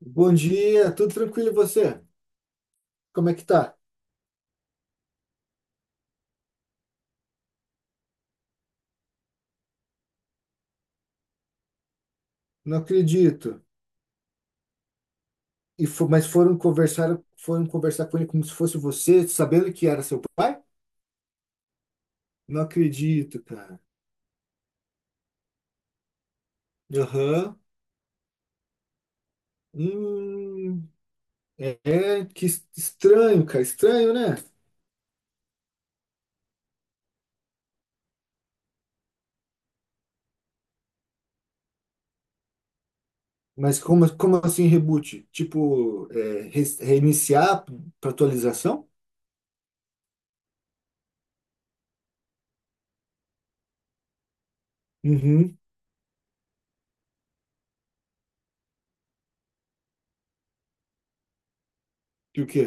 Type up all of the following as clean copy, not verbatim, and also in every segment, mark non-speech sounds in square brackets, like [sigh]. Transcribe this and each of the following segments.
Bom dia, tudo tranquilo e você? Como é que tá? Não acredito. Mas foram conversar com ele como se fosse você, sabendo que era seu pai? Não acredito, cara. Aham. Hum, é, que estranho, cara, estranho, né? Mas como assim reboot? Tipo, reiniciar para atualização? Uhum. E o quê?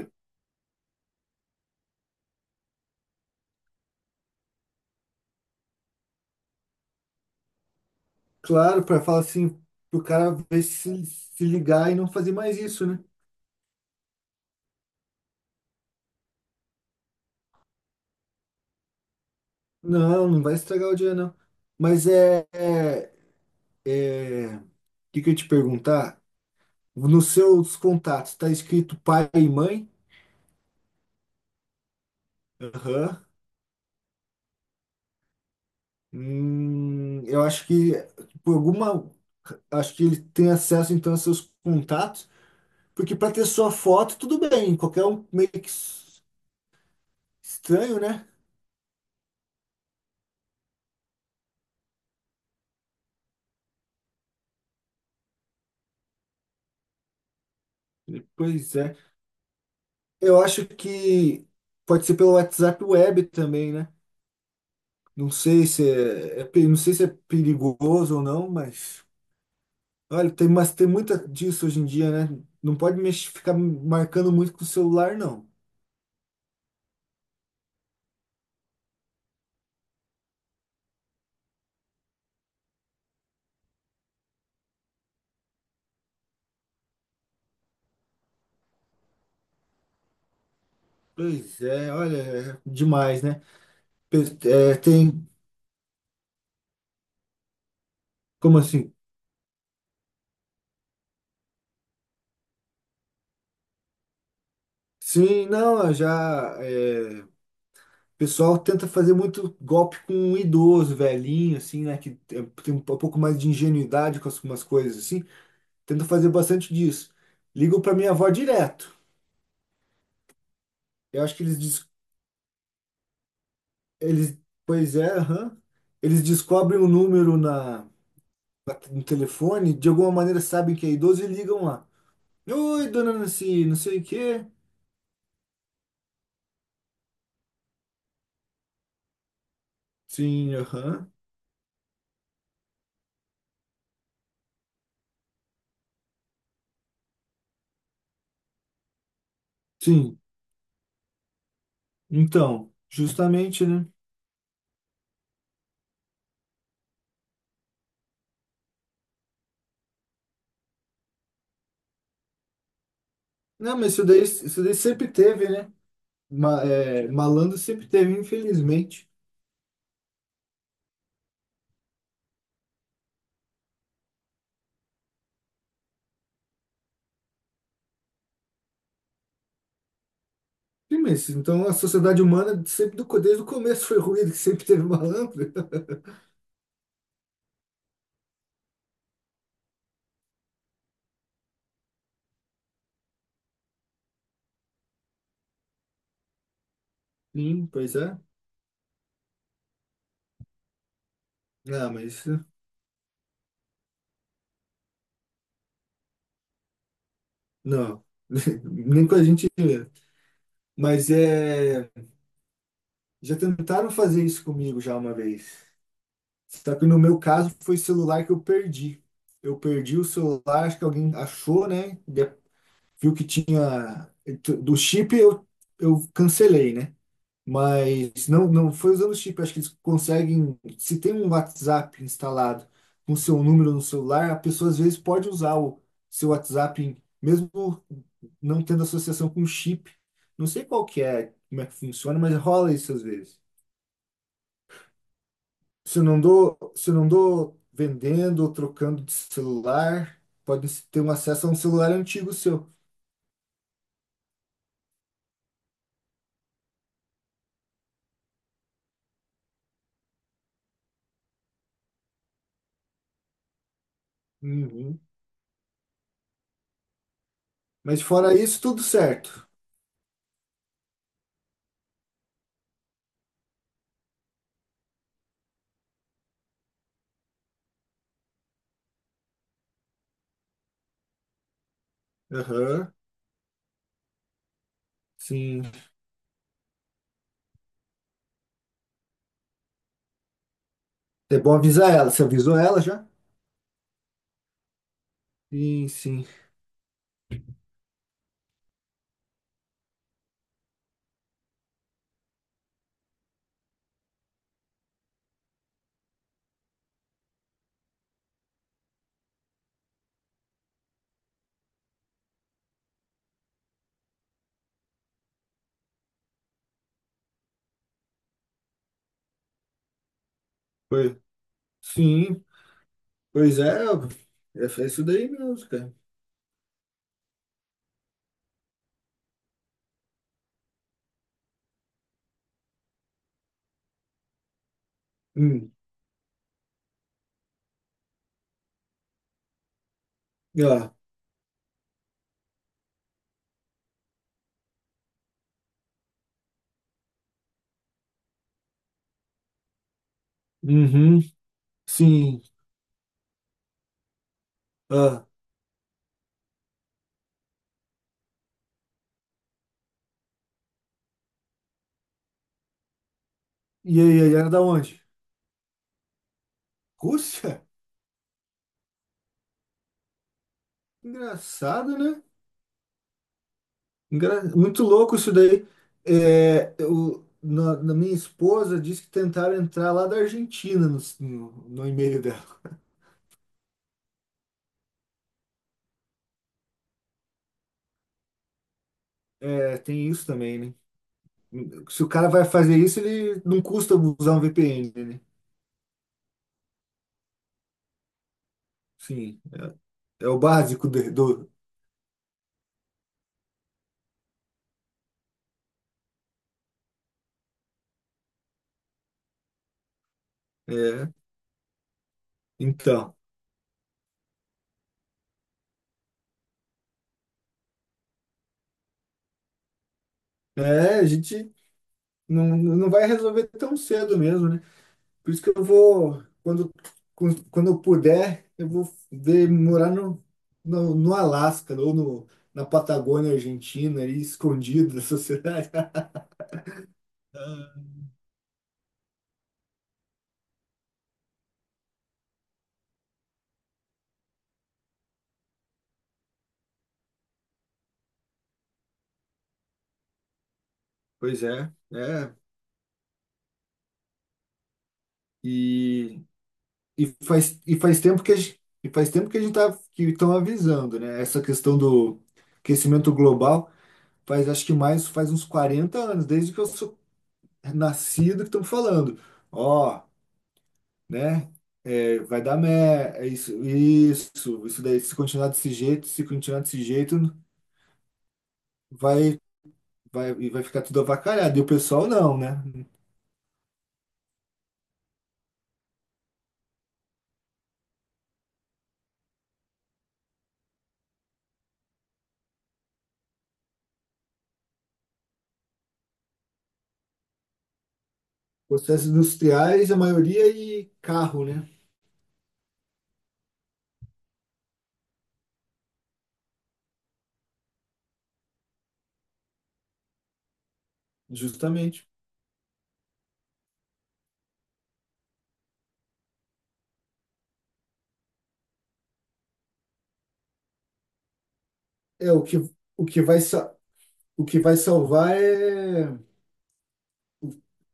Claro, para falar assim, pro cara ver se, ligar e não fazer mais isso, né? Não, não vai estragar o dia, não. Mas o que que eu ia te perguntar? Nos seus contatos tá escrito pai e mãe? Aham. Eu acho que por alguma, acho que ele tem acesso então a seus contatos, porque para ter sua foto tudo bem, qualquer um meio que estranho, né? Pois é. Eu acho que pode ser pelo WhatsApp Web também, né? Não sei se é perigoso ou não, mas Olha, mas tem muita disso hoje em dia, né? Não pode mexer, ficar marcando muito com o celular, não. Pois é, olha, é demais, né? É, tem, como assim? Sim, não, eu já. O pessoal tenta fazer muito golpe com um idoso, velhinho, assim, né? Que tem um pouco mais de ingenuidade com algumas coisas, assim. Tenta fazer bastante disso. Ligam pra minha avó direto. Eu acho que eles. Eles pois é, aham. Eles descobrem o número na no telefone, de alguma maneira sabem que é idoso e ligam lá. Oi, dona Nancy, não sei o quê. Sim, aham. Sim, então, justamente, né? Não, mas isso daí sempre teve, né? Malandro sempre teve, infelizmente. Sim, mas então a sociedade humana sempre desde o começo foi ruim, que sempre teve malandro. [laughs] Sim, pois é. Não, mas não. [laughs] Nem com a gente. Mas é. Já tentaram fazer isso comigo já uma vez. Só que no meu caso foi celular que eu perdi. Eu perdi o celular, acho que alguém achou, né? Viu que tinha do chip, eu cancelei, né? Mas não, não foi usando o chip. Acho que eles conseguem. Se tem um WhatsApp instalado com seu número no celular, a pessoa às vezes pode usar o seu WhatsApp, mesmo não tendo associação com o chip. Não sei qual que é, como é que funciona, mas rola isso às vezes. Se não dou vendendo ou trocando de celular, pode ter um acesso a um celular antigo seu. Uhum. Mas fora isso, tudo certo. Aham, sim. É bom avisar ela. Você avisou ela já? Sim, sim. Foi sim, pois é, é isso daí mesmo, cara. Hum, ah, uhum, sim. Ah, e aí, ela é da onde? Rússia? Engraçado, né? Muito louco isso daí. É, na minha esposa disse que tentaram entrar lá da Argentina no e-mail dela. É, tem isso também, né? Se o cara vai fazer isso, ele não custa usar um VPN, né? Sim, é o básico do. É, então, a gente não, não vai resolver tão cedo mesmo, né? Por isso que eu vou, quando eu puder, eu vou ver, morar no Alasca ou no, na Patagônia Argentina, ali, escondido da sociedade. [laughs] Pois é, é. E, e, faz, e faz tempo que a gente, e faz tempo que a gente tá, que estão avisando, né? Essa questão do aquecimento global faz, acho que mais, faz uns 40 anos, desde que eu sou nascido que estão falando. Ó, né? É, vai dar merda, isso daí, se continuar desse jeito, se continuar desse jeito, vai, e vai ficar tudo avacalhado. E o pessoal não, né? Processos industriais, a maioria e carro, né? Justamente. É, o que vai, sa- o que vai salvar é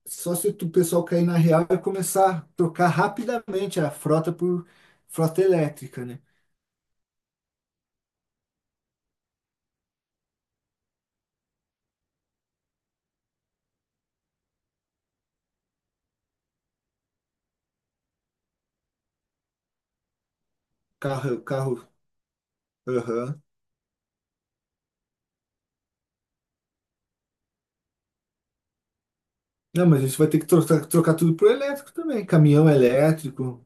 só se o pessoal cair na real e começar a trocar rapidamente a frota por frota elétrica, né? Carro, carro, aham. Não, mas a gente vai ter que trocar, trocar tudo por elétrico também. Caminhão elétrico.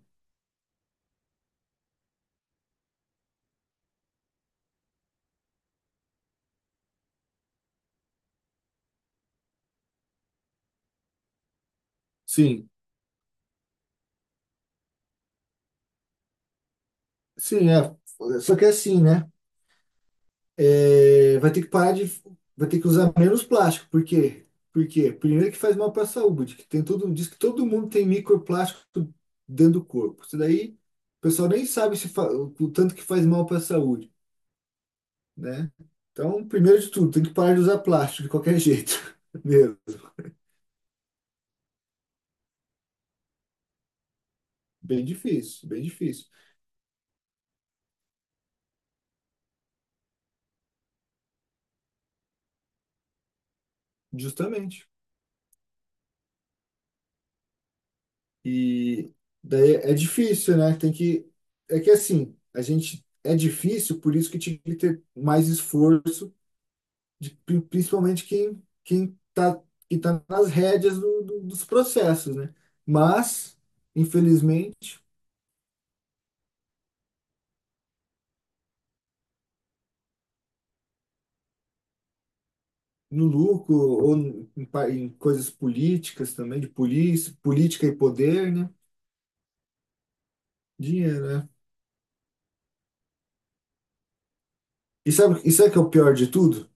Sim, sim, é. Só que é assim, né? É, vai ter que parar de. Vai ter que usar menos plástico. Por quê? Porque, primeiro, que faz mal para a saúde, que tem todo, diz que todo mundo tem microplástico dentro do corpo. Isso daí, o pessoal nem sabe se o tanto que faz mal para a saúde, né? Então, primeiro de tudo, tem que parar de usar plástico de qualquer jeito. [laughs] Mesmo. Bem difícil, bem difícil. Justamente. E daí é difícil, né? Tem que. É que assim, a gente é difícil, por isso que tinha que ter mais esforço, de, principalmente quem tá, que tá nas rédeas dos processos, né? Mas, infelizmente, no lucro ou em coisas políticas também, de polícia, política e poder, né? Dinheiro, né? E sabe o que é o pior de tudo?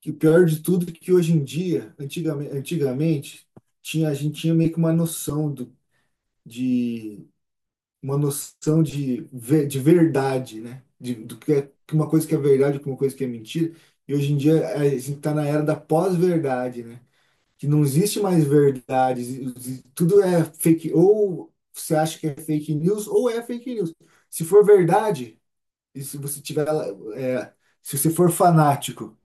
Que o pior de tudo é que hoje em dia, antigamente tinha, a gente tinha meio que uma noção do, de uma noção de, de verdade, né? Do que é que uma coisa que é verdade, que uma coisa que é mentira. E hoje em dia a gente está na era da pós-verdade, né? Que não existe mais verdade, tudo é fake, ou você acha que é fake news, ou é fake news. Se for verdade, e se você tiver, é, se você for fanático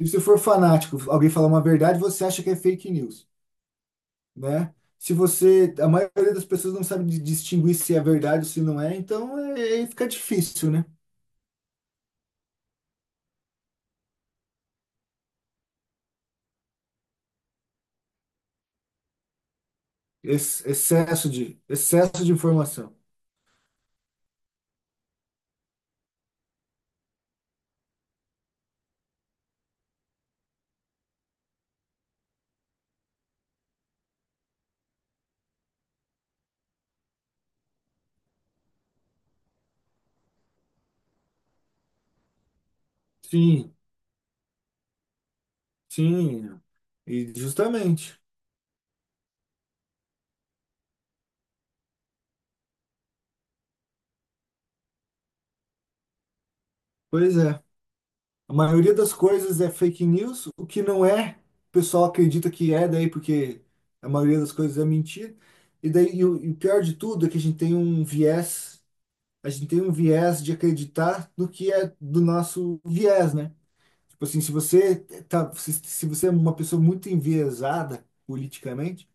Se você for fanático, alguém falar uma verdade, você acha que é fake news, né? Se você, A maioria das pessoas não sabe distinguir se é verdade ou se não é, então é, aí fica difícil, né? Excesso de informação. Sim, sim. E justamente. Pois é. A maioria das coisas é fake news, o que não é, o pessoal acredita que é, daí porque a maioria das coisas é mentira. E o pior de tudo é que a gente tem um viés de acreditar no que é do nosso viés, né? Tipo assim, se você é uma pessoa muito enviesada politicamente,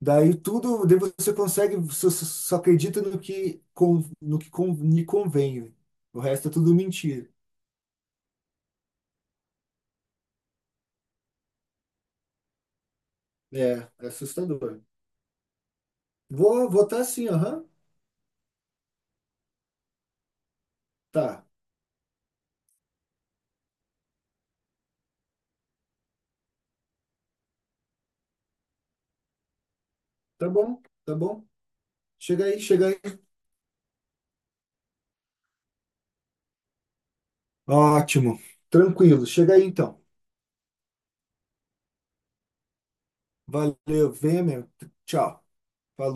daí só acredita no que lhe convém. O resto é tudo mentira. É, é assustador. Vou votar sim, aham. Tá, tá bom, tá bom. Chega aí, chega aí. Ótimo, tranquilo. Chega aí então. Valeu, venha meu. Tchau. Falou.